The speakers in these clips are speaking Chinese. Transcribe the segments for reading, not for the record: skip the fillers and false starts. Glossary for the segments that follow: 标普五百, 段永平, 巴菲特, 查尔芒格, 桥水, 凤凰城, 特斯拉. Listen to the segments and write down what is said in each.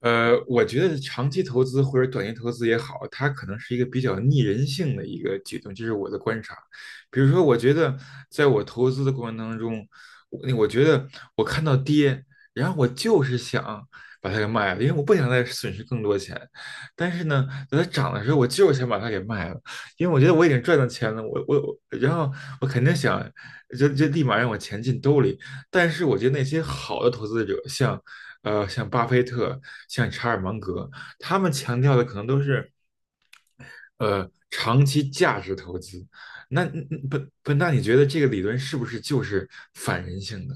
我觉得长期投资或者短期投资也好，它可能是一个比较逆人性的一个举动，这是我的观察。比如说，我觉得在我投资的过程当中，我觉得我看到跌，然后我就是想把它给卖了，因为我不想再损失更多钱。但是呢，等它涨的时候，我就是想把它给卖了，因为我觉得我已经赚到钱了，我我我然后我肯定想就立马让我钱进兜里。但是我觉得那些好的投资者，像巴菲特、像查尔芒格，他们强调的可能都是长期价值投资。那本大，你觉得这个理论是不是就是反人性的？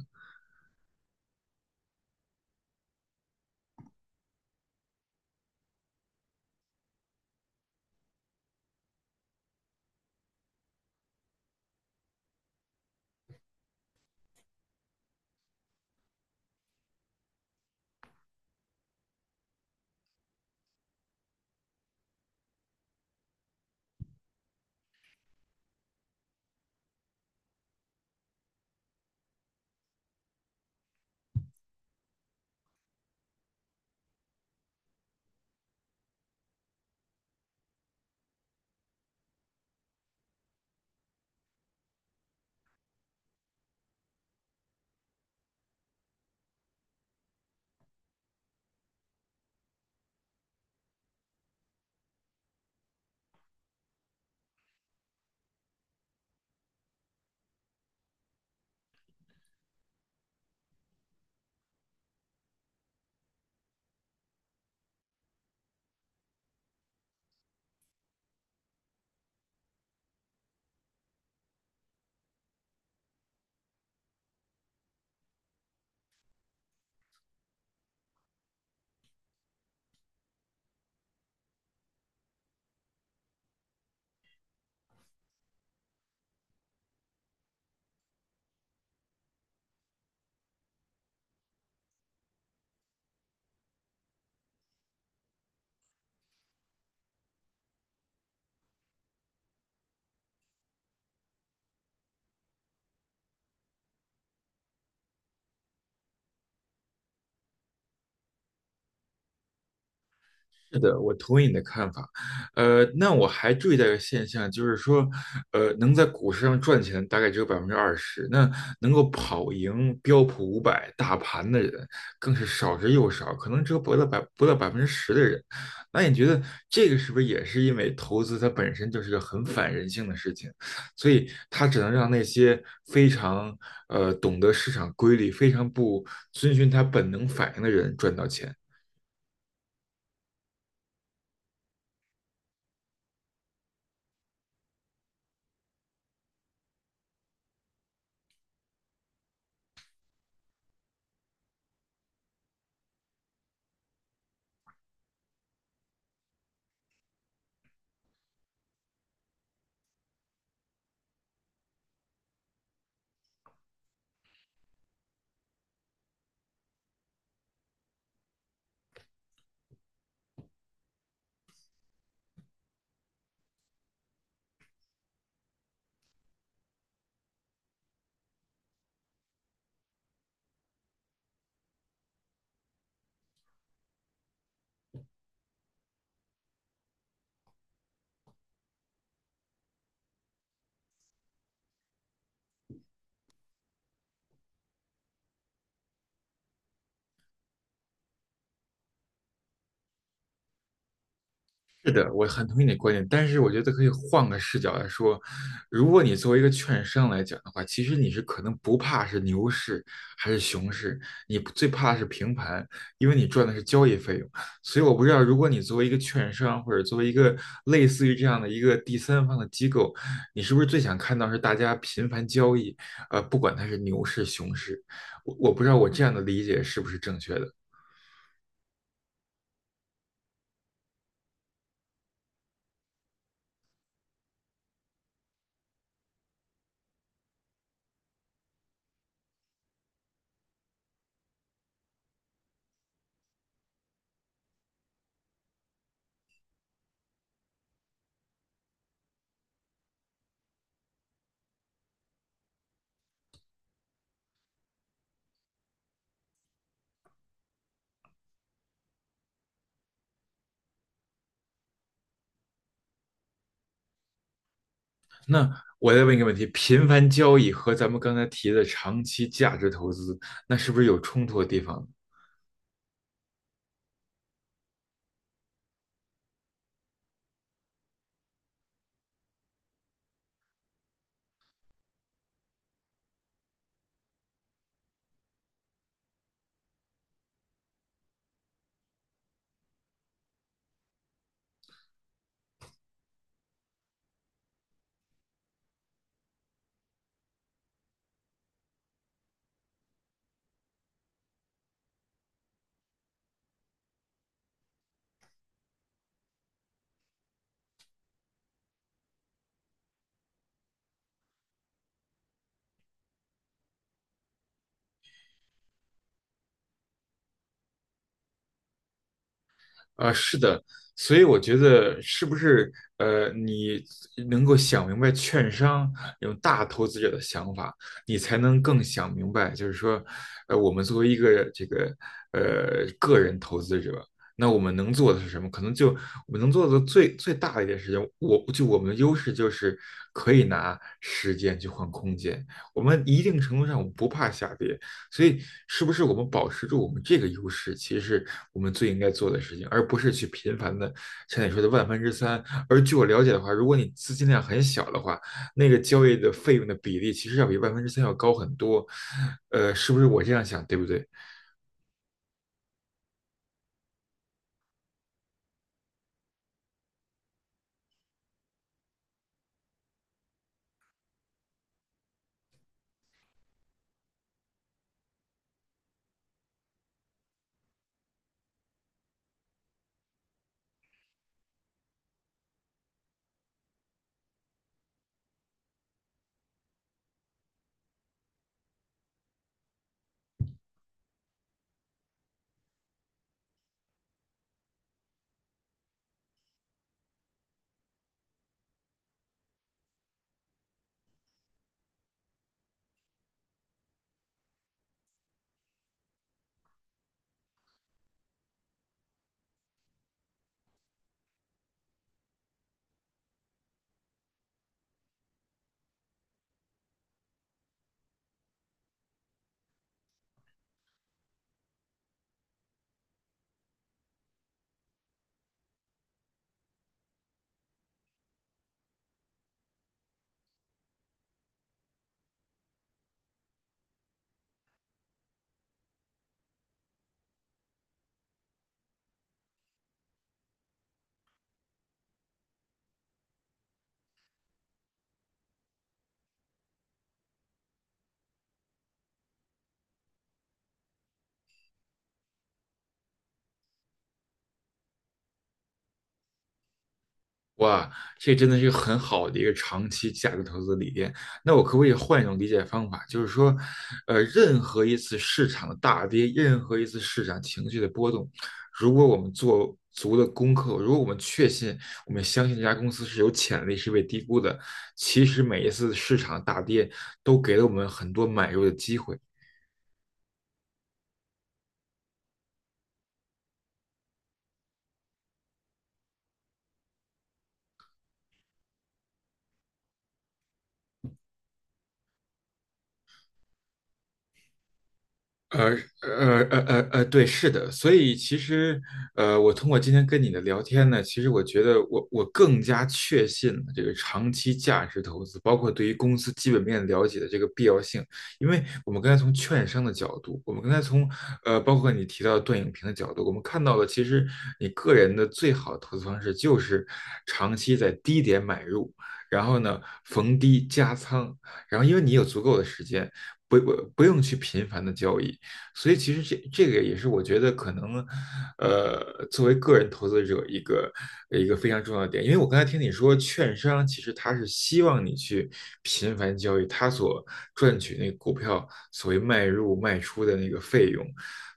是的，我同意你的看法。那我还注意到一个现象，就是说，能在股市上赚钱的大概只有20%，那能够跑赢标普500大盘的人更是少之又少，可能只有不到10%的人。那你觉得这个是不是也是因为投资它本身就是个很反人性的事情，所以它只能让那些非常懂得市场规律、非常不遵循它本能反应的人赚到钱？是的，我很同意你的观点，但是我觉得可以换个视角来说，如果你作为一个券商来讲的话，其实你是可能不怕是牛市还是熊市，你不最怕是平盘，因为你赚的是交易费用。所以我不知道，如果你作为一个券商或者作为一个类似于这样的一个第三方的机构，你是不是最想看到是大家频繁交易？不管它是牛市熊市，我不知道我这样的理解是不是正确的。那我再问一个问题：频繁交易和咱们刚才提的长期价值投资，那是不是有冲突的地方呢？啊，是的，所以我觉得是不是你能够想明白券商这种大投资者的想法，你才能更想明白，就是说，我们作为一个这个个人投资者，那我们能做的是什么？可能就我们能做的最大的一件事情，我就我们的优势就是可以拿时间去换空间，我们一定程度上我们不怕下跌，所以，是不是我们保持住我们这个优势，其实是我们最应该做的事情，而不是去频繁的像你说的万分之三。而据我了解的话，如果你资金量很小的话，那个交易的费用的比例其实要比万分之三要高很多。是不是我这样想，对不对？哇，这真的是很好的一个长期价值投资理念。那我可不可以换一种理解方法，就是说，任何一次市场的大跌，任何一次市场情绪的波动，如果我们做足了功课，如果我们确信，我们相信这家公司是有潜力，是被低估的，其实每一次市场大跌都给了我们很多买入的机会。呃对，是的，所以其实，我通过今天跟你的聊天呢，其实我觉得我更加确信了这个长期价值投资，包括对于公司基本面了解的这个必要性。因为我们刚才从券商的角度，我们刚才从包括你提到的段永平的角度，我们看到了其实你个人的最好的投资方式就是长期在低点买入，然后呢逢低加仓，然后因为你有足够的时间。不用去频繁的交易，所以其实这个也是我觉得可能，呃，作为个人投资者一个非常重要的点，因为我刚才听你说，券商其实他是希望你去频繁交易，他所赚取那个股票所谓卖入卖出的那个费用，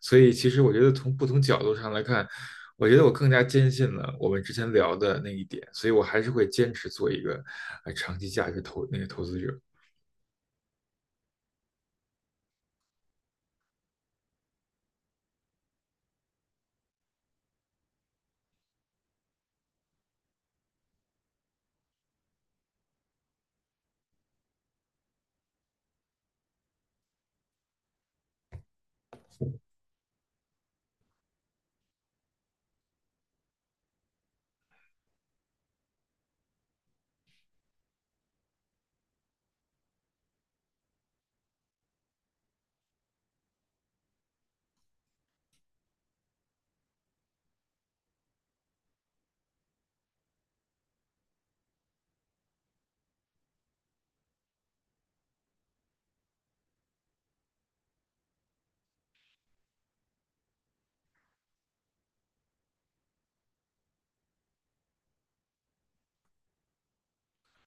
所以其实我觉得从不同角度上来看，我觉得我更加坚信了我们之前聊的那一点，所以我还是会坚持做一个长期价值投那个投资者。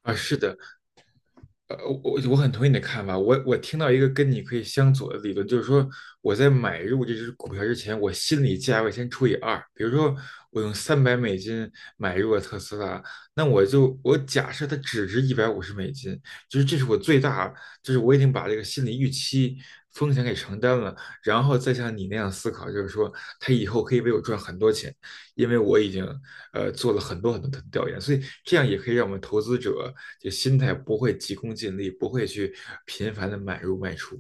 啊，是的，我很同意你的看法。我听到一个跟你可以相左的理论，就是说我在买入这只股票之前，我心理价位先除以二。比如说，我用300美金买入了特斯拉，那我假设它只值150美金，就是这是我最大，就是我已经把这个心理预期风险给承担了，然后再像你那样思考，就是说它以后可以为我赚很多钱。因为我已经做了很多很多的调研，所以这样也可以让我们投资者就心态不会急功近利，不会去频繁的买入卖出。